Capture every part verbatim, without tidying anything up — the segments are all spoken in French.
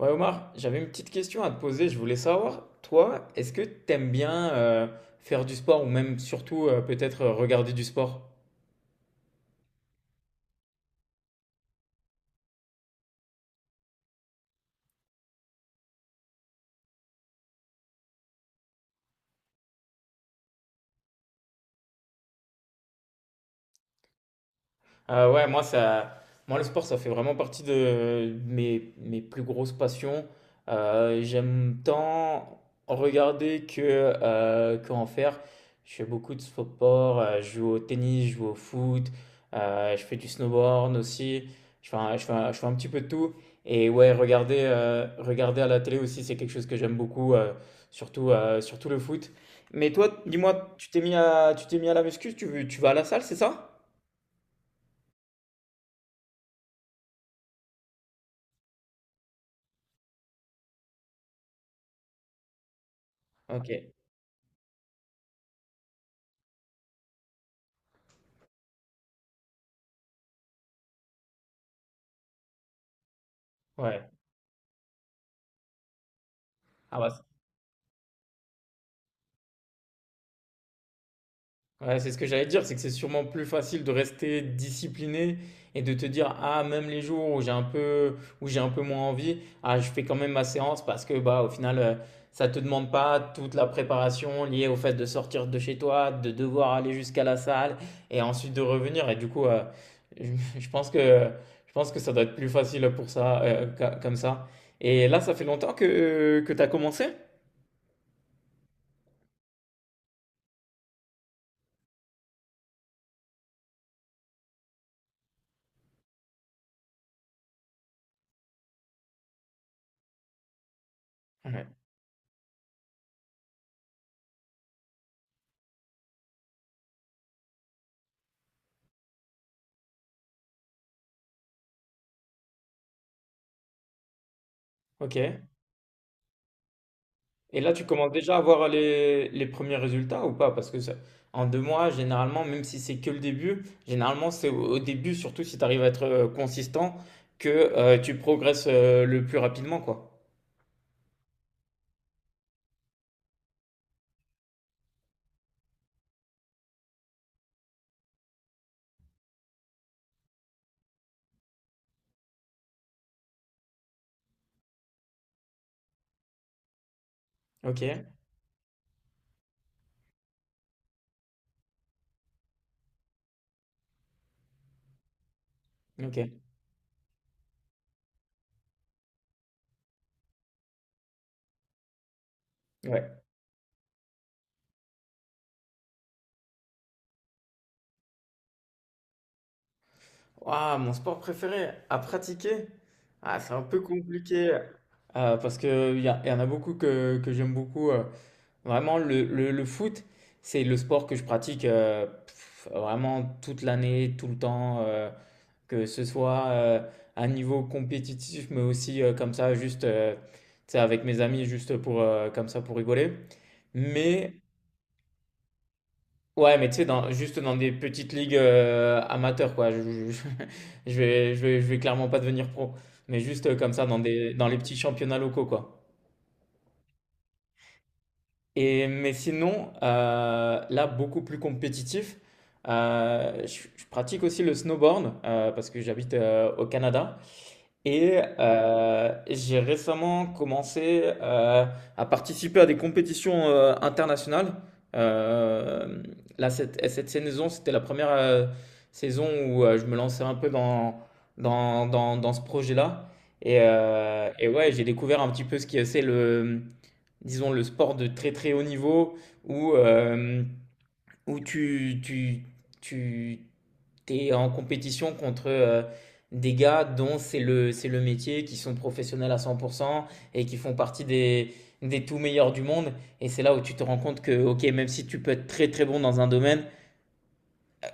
Ouais, Omar, j'avais une petite question à te poser. Je voulais savoir, toi, est-ce que t'aimes bien euh, faire du sport ou même surtout euh, peut-être euh, regarder du sport? Ah ouais, moi, ça, moi, le sport, ça fait vraiment partie de mes, mes plus grosses passions. Euh, j'aime tant regarder que, euh, que en faire. Je fais beaucoup de sport, euh, je joue au tennis, je joue au foot, euh, je fais du snowboard aussi. Je fais un, je fais un- je fais un petit peu de tout. Et ouais, regarder, euh, regarder à la télé aussi, c'est quelque chose que j'aime beaucoup, euh, surtout, euh, surtout le foot. Mais toi, dis-moi, tu t'es mis à, tu t'es mis à la muscu, tu, tu vas à la salle, c'est ça? Ok, ouais. Ah bah, c'est ouais, c'est ce que j'allais te dire, c'est que c'est sûrement plus facile de rester discipliné et de te dire, ah, même les jours où j'ai un peu, où j'ai un peu moins envie, ah, je fais quand même ma séance parce que, bah, au final, euh, ça te demande pas toute la préparation liée au fait de sortir de chez toi, de devoir aller jusqu'à la salle et ensuite de revenir. Et du coup, euh, je pense que, je pense que ça doit être plus facile pour ça, euh, ca- comme ça. Et là, ça fait longtemps que, que tu as commencé? Ouais. Ok. Et là, tu commences déjà à voir les, les premiers résultats ou pas? Parce que ça- en deux mois, généralement, même si c'est que le début, généralement, c'est au, au début, surtout si tu arrives à être euh, consistant, que euh, tu progresses euh, le plus rapidement, quoi. Ok, ok, ouais. Ouah, mon sport préféré à pratiquer? Ah, c'est un peu compliqué. Euh, parce qu'il y, a- y en a beaucoup que, que j'aime beaucoup. euh. Vraiment, le, le- le foot, c'est le sport que je pratique euh, pff, vraiment toute l'année, tout le temps. Euh, que ce soit euh, à un niveau compétitif, mais aussi euh, comme ça, juste euh, tu sais, avec mes amis, juste pour, euh, comme ça, pour rigoler. Mais ouais, mais tu sais, dans, juste dans des petites ligues euh, amateurs, quoi. Je, je, je- je vais, je vais, je vais clairement pas devenir pro, mais juste euh, comme ça, dans des, dans les petits championnats locaux, quoi. Et, mais sinon, euh, là, beaucoup plus compétitif, euh, je, je pratique aussi le snowboard euh, parce que j'habite euh, au Canada. Et euh, j'ai récemment commencé euh, à participer à des compétitions euh, internationales. Euh, là, cette, cette saison, c'était la première euh, saison où euh, je me lançais un peu dans, dans, dans, dans ce projet-là. Et, euh, et ouais, j'ai découvert un petit peu ce qui c'est le, disons, le sport de très très haut niveau où euh, où tu, tu, tu t'es en compétition contre euh, des gars dont c'est le, c'est le métier, qui sont professionnels à cent pour cent et qui font partie des, des tout meilleurs du monde. Et c'est là où tu te rends compte que, ok, même si tu peux être très très bon dans un domaine, euh,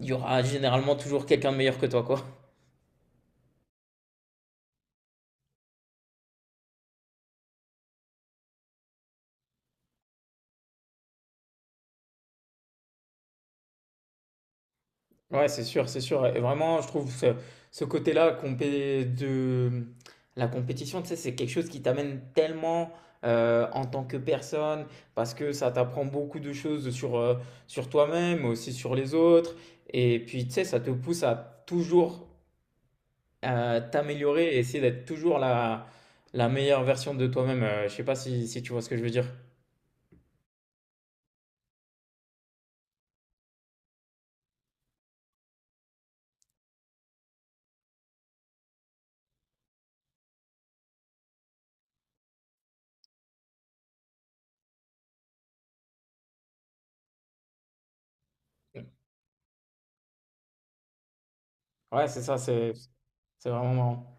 il y aura généralement toujours quelqu'un de meilleur que toi, quoi. Ouais, c'est sûr, c'est sûr. Et vraiment, je trouve ce, ce côté-là compé- de la compétition, tu sais, c'est quelque chose qui t'amène tellement euh, en tant que personne, parce que ça t'apprend beaucoup de choses sur, euh, sur toi-même, mais aussi sur les autres. Et puis, tu sais, ça te pousse à toujours euh, t'améliorer et essayer d'être toujours la, la meilleure version de toi-même. Euh, je sais pas si, si tu vois ce que je veux dire. Ouais, c'est ça, c'est c'est vraiment marrant.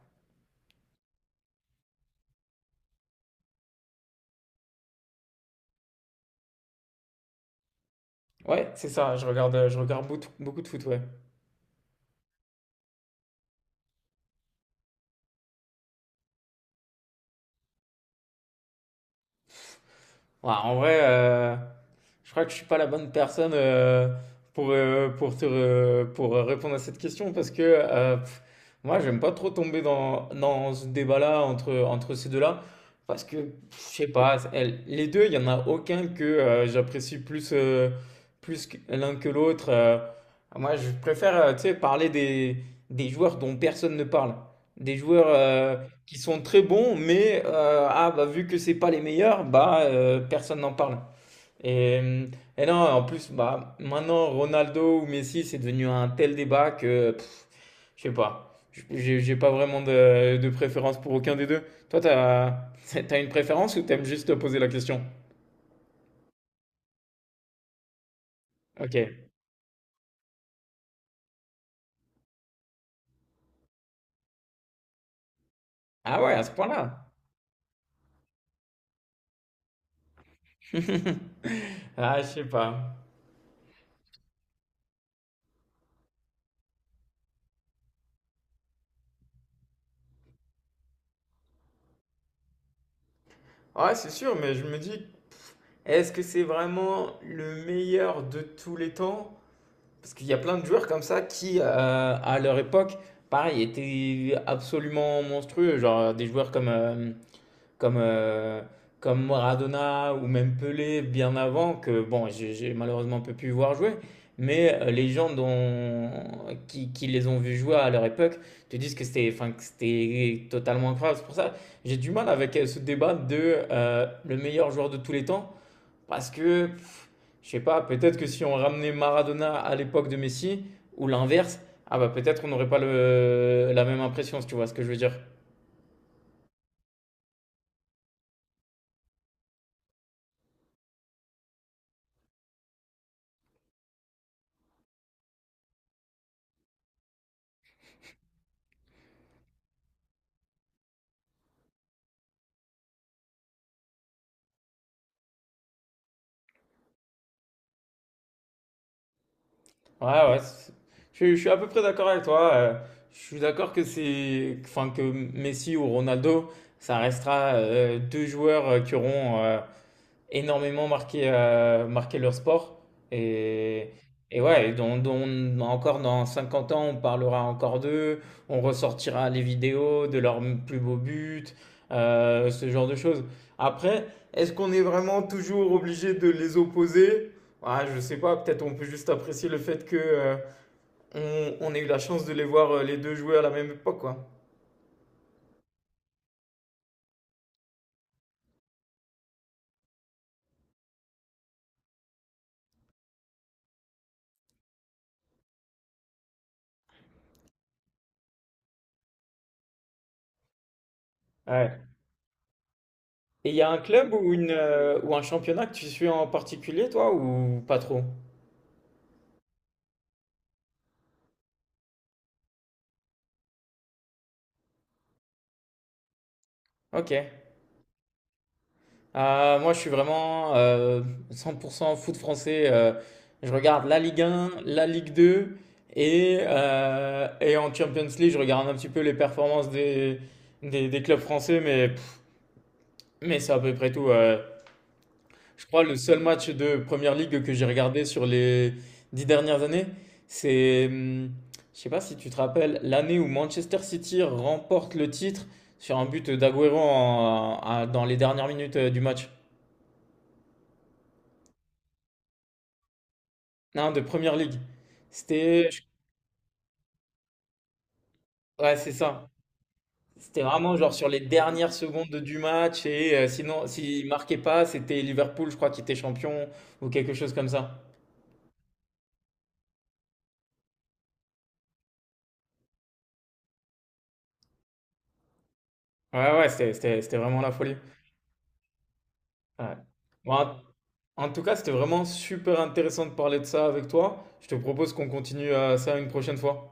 Ouais, c'est ça, je regarde, je regarde beaucoup beaucoup de foot, ouais. Ouais, en vrai, euh, je crois que je suis pas la bonne personne euh, pour, euh, pour, te re- pour répondre à cette question parce que euh, pff, moi, j'aime pas trop tomber dans, dans ce débat-là entre, entre ces deux-là parce que pff, je sais pas, elles- les deux, il y en a aucun que euh, j'apprécie plus, euh, plus que- l'un que l'autre. Euh, moi, je préfère euh, tu sais, parler des, des joueurs dont personne ne parle, des joueurs euh, qui sont très bons, mais euh, ah, bah, vu que c'est pas les meilleurs, bah, euh, personne n'en parle. Et, et non, en plus, bah, maintenant, Ronaldo ou Messi, c'est devenu un tel débat que pff, je sais pas. J'ai j'ai pas vraiment de, de préférence pour aucun des deux. Toi, t'as, t'as une préférence ou t'aimes juste te poser la question? Ok. Ah ouais, à ce point-là. Ah, je sais pas. Ouais, c'est sûr, mais je me dis, est-ce que c'est vraiment le meilleur de tous les temps? Parce qu'il y a plein de joueurs comme ça qui, euh, à leur époque, pareil, étaient absolument monstrueux. Genre des joueurs comme, euh, comme, euh, comme Maradona ou même Pelé bien avant, que bon, j'ai j'ai malheureusement peu pu voir jouer. Mais euh, les gens dont, qui, qui les ont vus jouer à leur époque te disent que c'était enfin, que c'était totalement incroyable. C'est pour ça j'ai du mal avec euh, ce débat de euh, le meilleur joueur de tous les temps. Parce que je sais pas, peut-être que si on ramenait Maradona à l'époque de Messi, ou l'inverse, ah bah peut-être on n'aurait pas le, la même impression, si tu vois ce que je veux dire. Ouais, ouais, c'est- je, suis- je suis à peu près d'accord avec toi. euh, Je suis d'accord que c'est, enfin que Messi ou Ronaldo, ça restera euh, deux joueurs euh, qui auront euh, énormément marqué, euh, marqué leur sport. Et, et ouais, et dont, dont- encore dans cinquante ans, on parlera encore d'eux, on ressortira les vidéos de leurs plus beaux buts, euh, ce genre de choses. Après, est-ce qu'on est vraiment toujours obligé de les opposer? Ah, je sais pas, peut-être on peut juste apprécier le fait que, euh, on, on ait eu la chance de les voir euh, les deux jouer à la même époque, quoi. Ouais. Et il y a un club ou une, euh, ou un championnat que tu suis en particulier, toi, ou pas trop? Ok. Euh, moi, je suis vraiment euh, cent pour cent foot français. euh, je regarde la Ligue un, la Ligue deux et, euh, et en Champions League, je regarde un petit peu les performances des, des, des clubs français, mais, pff, mais c'est à peu près tout. euh. Je crois le seul match de Première Ligue que j'ai regardé sur les dix dernières années, c'est, hum, je sais pas si tu te rappelles, l'année où Manchester City remporte le titre sur un but d'Aguero en- à- dans les dernières minutes euh, du match. Non, de Première Ligue. C'était, ouais, c'est ça. C'était vraiment genre sur les dernières secondes du match et euh, sinon, s'il marquait pas, c'était Liverpool, je crois, qui était champion ou quelque chose comme ça. Ouais, ouais, c'était, c'était, c'était vraiment la folie. Ouais. Bon, en en tout cas, c'était vraiment super intéressant de parler de ça avec toi. Je te propose qu'on continue euh, ça une prochaine fois.